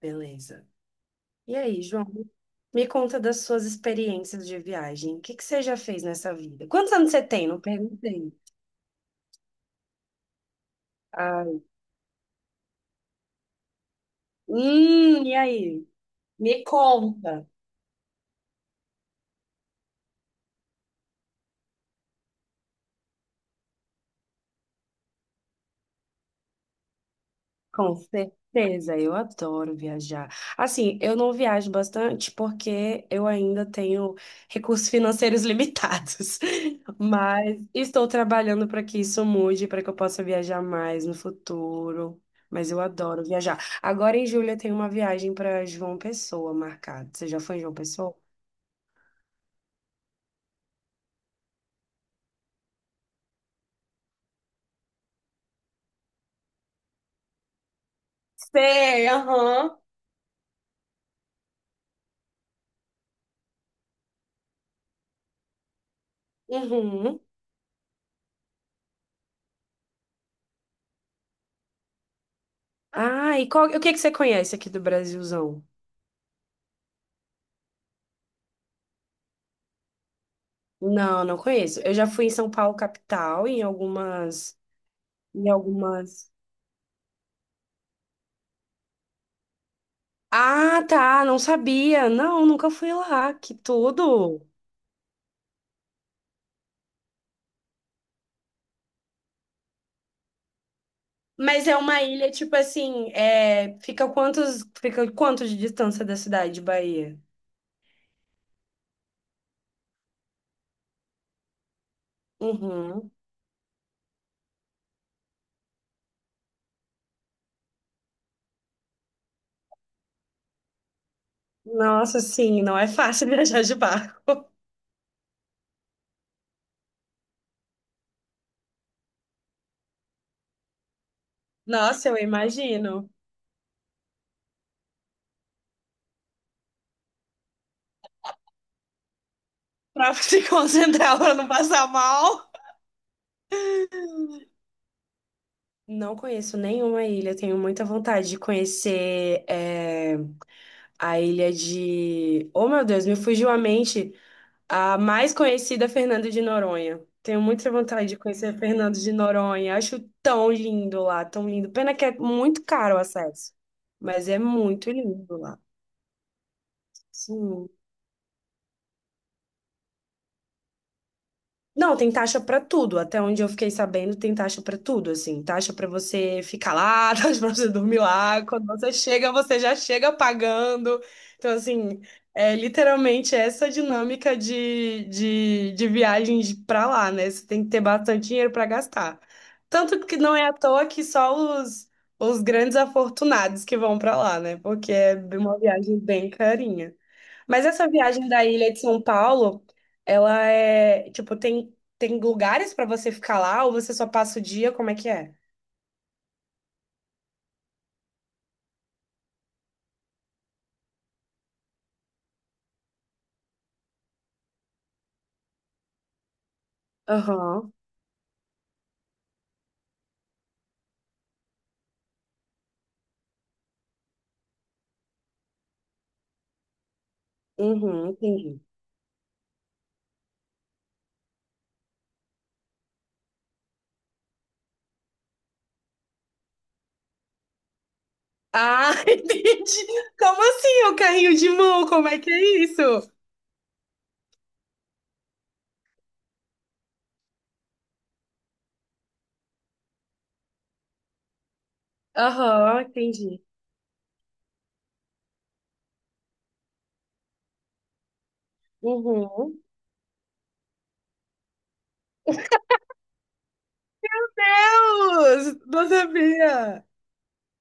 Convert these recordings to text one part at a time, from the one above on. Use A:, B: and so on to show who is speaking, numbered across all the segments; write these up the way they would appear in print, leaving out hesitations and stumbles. A: Beleza. E aí, João, me conta das suas experiências de viagem. O que que você já fez nessa vida? Quantos anos você tem? Não perguntei. Ai, e aí? Me conta. Com certeza, eu adoro viajar. Assim, eu não viajo bastante porque eu ainda tenho recursos financeiros limitados, mas estou trabalhando para que isso mude, para que eu possa viajar mais no futuro. Mas eu adoro viajar. Agora em julho eu tenho uma viagem para João Pessoa marcada. Você já foi em João Pessoa? Sei, aham. Uhum. Ah, e qual, o que que você conhece aqui do Brasilzão? Não, não conheço. Eu já fui em São Paulo, capital, em algumas. Em algumas. Ah, tá, não sabia. Não, nunca fui lá. Que tudo. Mas é uma ilha, tipo assim, fica fica quanto de distância da cidade de Bahia? Uhum. Nossa, sim, não é fácil viajar de barco. Nossa, eu imagino. Pra se concentrar pra não passar mal. Não conheço nenhuma ilha, tenho muita vontade de conhecer a ilha de. Oh, meu Deus, me fugiu a mente. A mais conhecida é Fernando de Noronha. Tenho muita vontade de conhecer Fernando de Noronha. Acho tão lindo lá, tão lindo. Pena que é muito caro o acesso, mas é muito lindo lá. Sim. Não, tem taxa pra tudo. Até onde eu fiquei sabendo, tem taxa pra tudo, assim. Taxa pra você ficar lá, taxa pra você dormir lá. Quando você chega, você já chega pagando. Então, assim, é literalmente essa dinâmica de viagens pra lá, né? Você tem que ter bastante dinheiro pra gastar. Tanto que não é à toa que só os, os grandes afortunados que vão pra lá, né? Porque é uma viagem bem carinha. Mas essa viagem da ilha de São Paulo, ela é, tipo, tem lugares pra você ficar lá ou você só passa o dia? Como é que é? Aham, uhum, entendi. Ah, entendi. Como assim, é o carrinho de mão? Como é que é isso? Aham, entendi. Uhum. Deus, não sabia.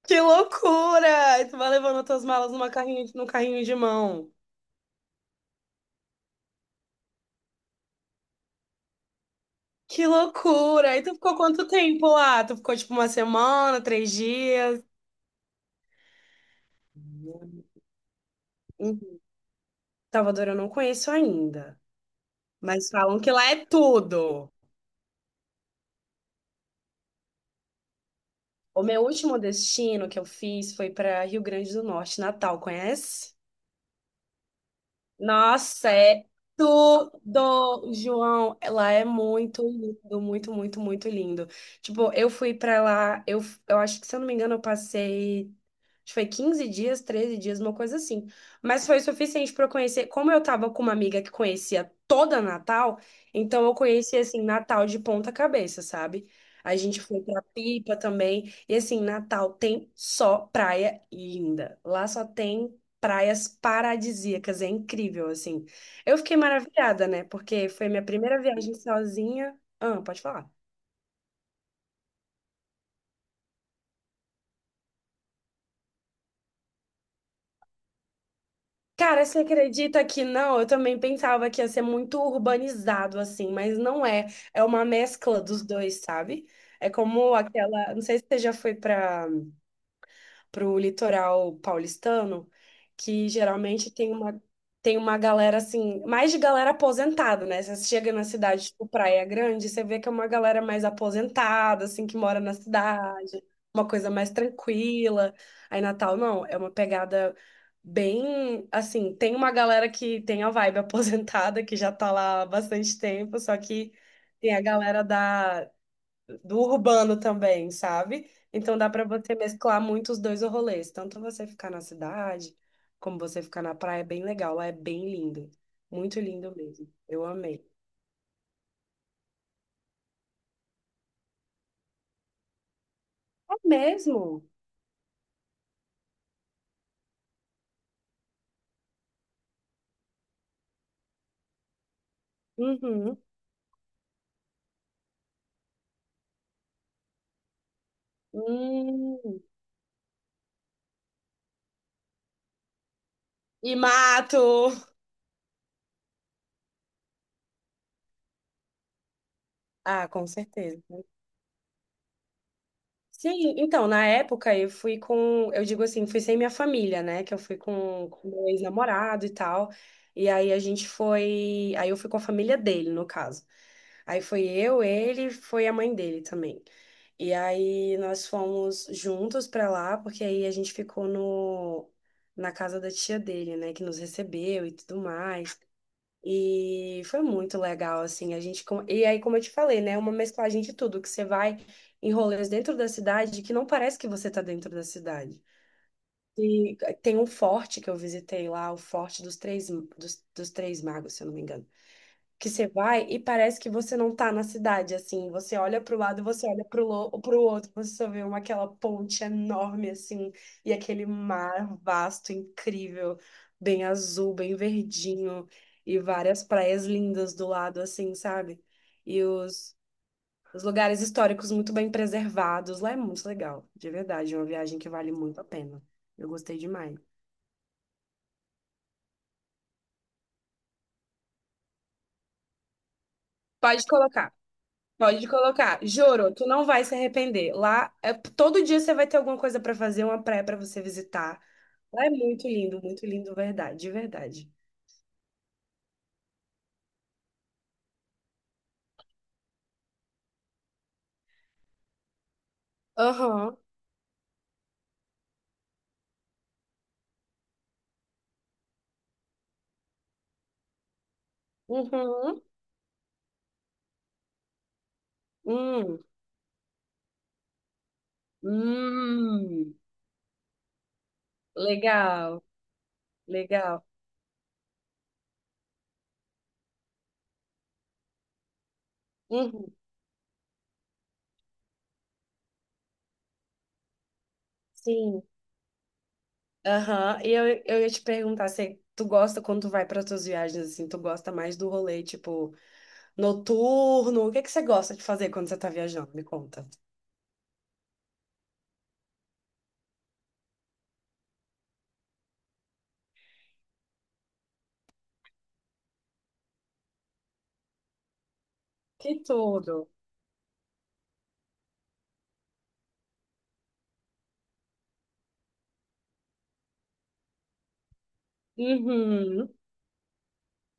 A: Que loucura! E tu vai levando as tuas malas numa carrinho, num carrinho de mão. Que loucura! E tu ficou quanto tempo lá? Tu ficou tipo uma semana, três dias? Em Salvador eu não conheço ainda, mas falam que lá é tudo. O meu último destino que eu fiz foi para Rio Grande do Norte, Natal, conhece? Nossa, é tudo, João. Lá é muito lindo, muito, muito, muito lindo. Tipo, eu fui para lá, eu acho que, se eu não me engano, eu passei acho que foi 15 dias, 13 dias, uma coisa assim. Mas foi suficiente para eu conhecer. Como eu tava com uma amiga que conhecia toda Natal, então eu conheci, assim, Natal de ponta cabeça, sabe? A gente foi pra Pipa também. E, assim, Natal tem só praia linda. Lá só tem praias paradisíacas. É incrível, assim. Eu fiquei maravilhada, né? Porque foi minha primeira viagem sozinha. Ah, pode falar. Cara, você acredita que não? Eu também pensava que ia ser muito urbanizado, assim, mas não é. É uma mescla dos dois, sabe? É como aquela. Não sei se você já foi pra para o litoral paulistano, que geralmente tem tem uma galera assim, mais de galera aposentada, né? Você chega na cidade, tipo Praia Grande, você vê que é uma galera mais aposentada, assim, que mora na cidade, uma coisa mais tranquila. Aí Natal, não, é uma pegada bem assim, tem uma galera que tem a vibe aposentada, que já tá lá há bastante tempo, só que tem a galera da do urbano também, sabe? Então dá para você mesclar muito os dois rolês, tanto você ficar na cidade, como você ficar na praia, é bem legal, lá é bem lindo, muito lindo mesmo. Eu amei. É mesmo? Uhum. Hum. E mato. Ah, com certeza. Sim, então, na época eu fui com, eu digo assim, fui sem minha família, né? Que eu fui com meu ex-namorado e tal. E aí a gente foi, aí eu fui com a família dele, no caso. Aí foi eu, ele, foi a mãe dele também. E aí nós fomos juntos pra lá, porque aí a gente ficou no na casa da tia dele, né, que nos recebeu e tudo mais. E foi muito legal, assim, a gente... com- E aí, como eu te falei, né, uma mesclagem de tudo, que você vai em rolês dentro da cidade que não parece que você tá dentro da cidade. E eh, tem um forte que eu visitei lá, o Forte dos Três, dos, dos Três Magos, se eu não me engano, que você vai e parece que você não tá na cidade, assim. Você olha pro lado, você olha pro outro, você só vê uma, aquela ponte enorme, assim, e aquele mar vasto, incrível, bem azul, bem verdinho, e várias praias lindas do lado, assim, sabe? E os lugares históricos muito bem preservados. Lá é muito legal, de verdade, é uma viagem que vale muito a pena. Eu gostei demais. Pode colocar. Pode colocar. Juro, tu não vai se arrepender. Lá, é, todo dia você vai ter alguma coisa pra fazer, uma praia pra você visitar. Lá é muito lindo, verdade, de verdade. Aham. Uhum. Hum. Hum. Legal, legal. Uhum. Sim. Aham. E eu ia te perguntar se tu gosta quando tu vai para tuas viagens assim, tu gosta mais do rolê tipo noturno? O que que você gosta de fazer quando você tá viajando? Me conta. Que tudo. Uhum.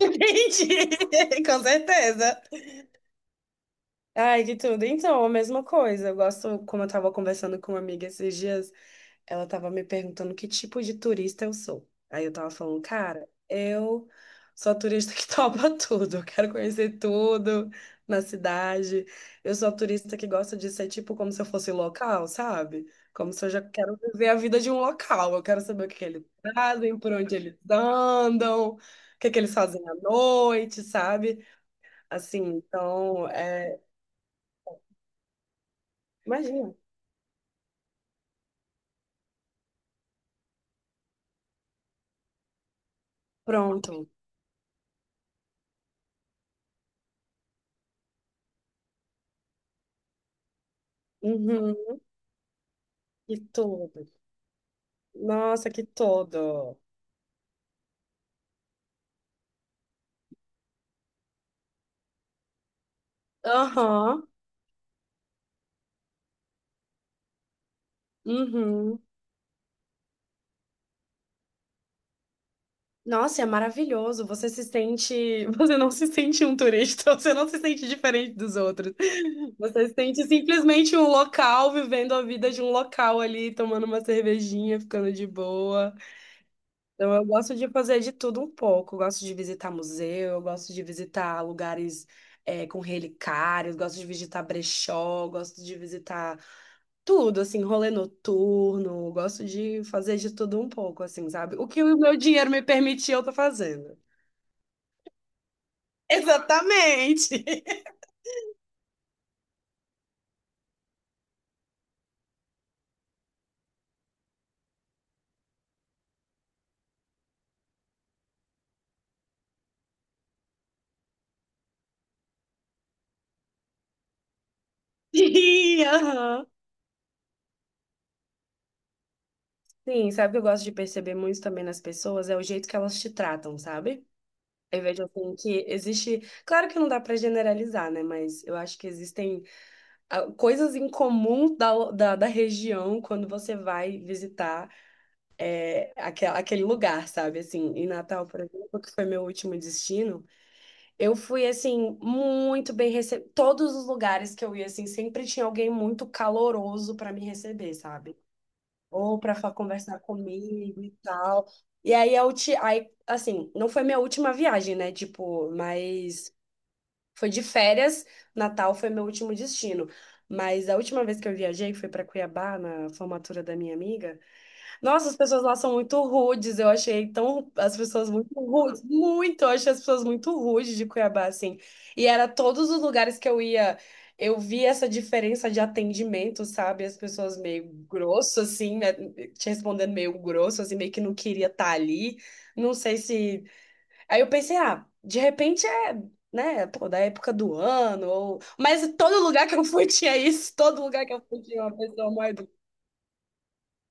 A: Entendi, com certeza. Ai, de tudo. Então, a mesma coisa. Eu gosto, como eu tava conversando com uma amiga esses dias, ela tava me perguntando que tipo de turista eu sou. Aí eu tava falando, cara, eu sou a turista que topa tudo. Eu quero conhecer tudo na cidade. Eu sou a turista que gosta de ser tipo como se eu fosse local, sabe? Como se eu já quero viver a vida de um local. Eu quero saber o que que eles fazem, por onde eles andam, o que que eles fazem à noite, sabe? Assim, então, é, imagina. Pronto. Uhum. Que tudo. Nossa, que tudo. Aham. Uhum. Nossa, é maravilhoso. Você se sente. Você não se sente um turista, você não se sente diferente dos outros. Você se sente simplesmente um local, vivendo a vida de um local ali, tomando uma cervejinha, ficando de boa. Então, eu gosto de fazer de tudo um pouco. Eu gosto de visitar museu, eu gosto de visitar lugares eh, com relicários, gosto de visitar brechó, gosto de visitar tudo, assim, rolê noturno. Gosto de fazer de tudo um pouco, assim, sabe? O que o meu dinheiro me permitir, eu tô fazendo. Exatamente! Sim, aham. Sim, sabe o que eu gosto de perceber muito também nas pessoas? É o jeito que elas te tratam, sabe? Eu vejo assim que existe. Claro que não dá pra generalizar, né? Mas eu acho que existem a- coisas em comum da região quando você vai visitar aquele lugar, sabe? Assim, em Natal, por exemplo, que foi meu último destino, eu fui, assim, muito bem recebida. Todos os lugares que eu ia, assim, sempre tinha alguém muito caloroso para me receber, sabe? Ou para conversar comigo e tal. E aí, eu te... aí, assim, não foi minha última viagem, né? Tipo, mas foi de férias, Natal foi meu último destino. Mas a última vez que eu viajei foi para Cuiabá, na formatura da minha amiga. Nossa, as pessoas lá são muito rudes. Eu achei tão. As pessoas muito rudes. Muito! Eu achei as pessoas muito rudes de Cuiabá, assim. E era todos os lugares que eu ia. Eu vi essa diferença de atendimento, sabe? As pessoas meio grosso, assim, né? Te respondendo meio grosso, assim, meio que não queria estar ali. Não sei se aí eu pensei, ah, de repente é, né, pô, da época do ano, ou... Mas em todo lugar que eu fui tinha isso, todo lugar que eu fui tinha uma pessoa mais... do-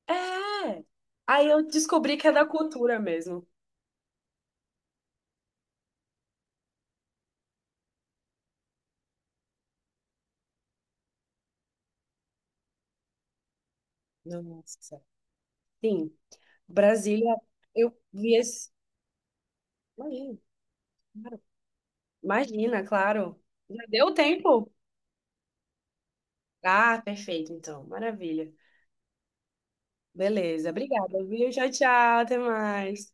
A: É! Aí eu descobri que é da cultura mesmo. Nossa, sim. Brasília, eu vi esse... Imagina, claro. Imagina, claro. Já deu tempo? Ah, perfeito, então. Maravilha. Beleza, obrigada, viu? Tchau, tchau, até mais.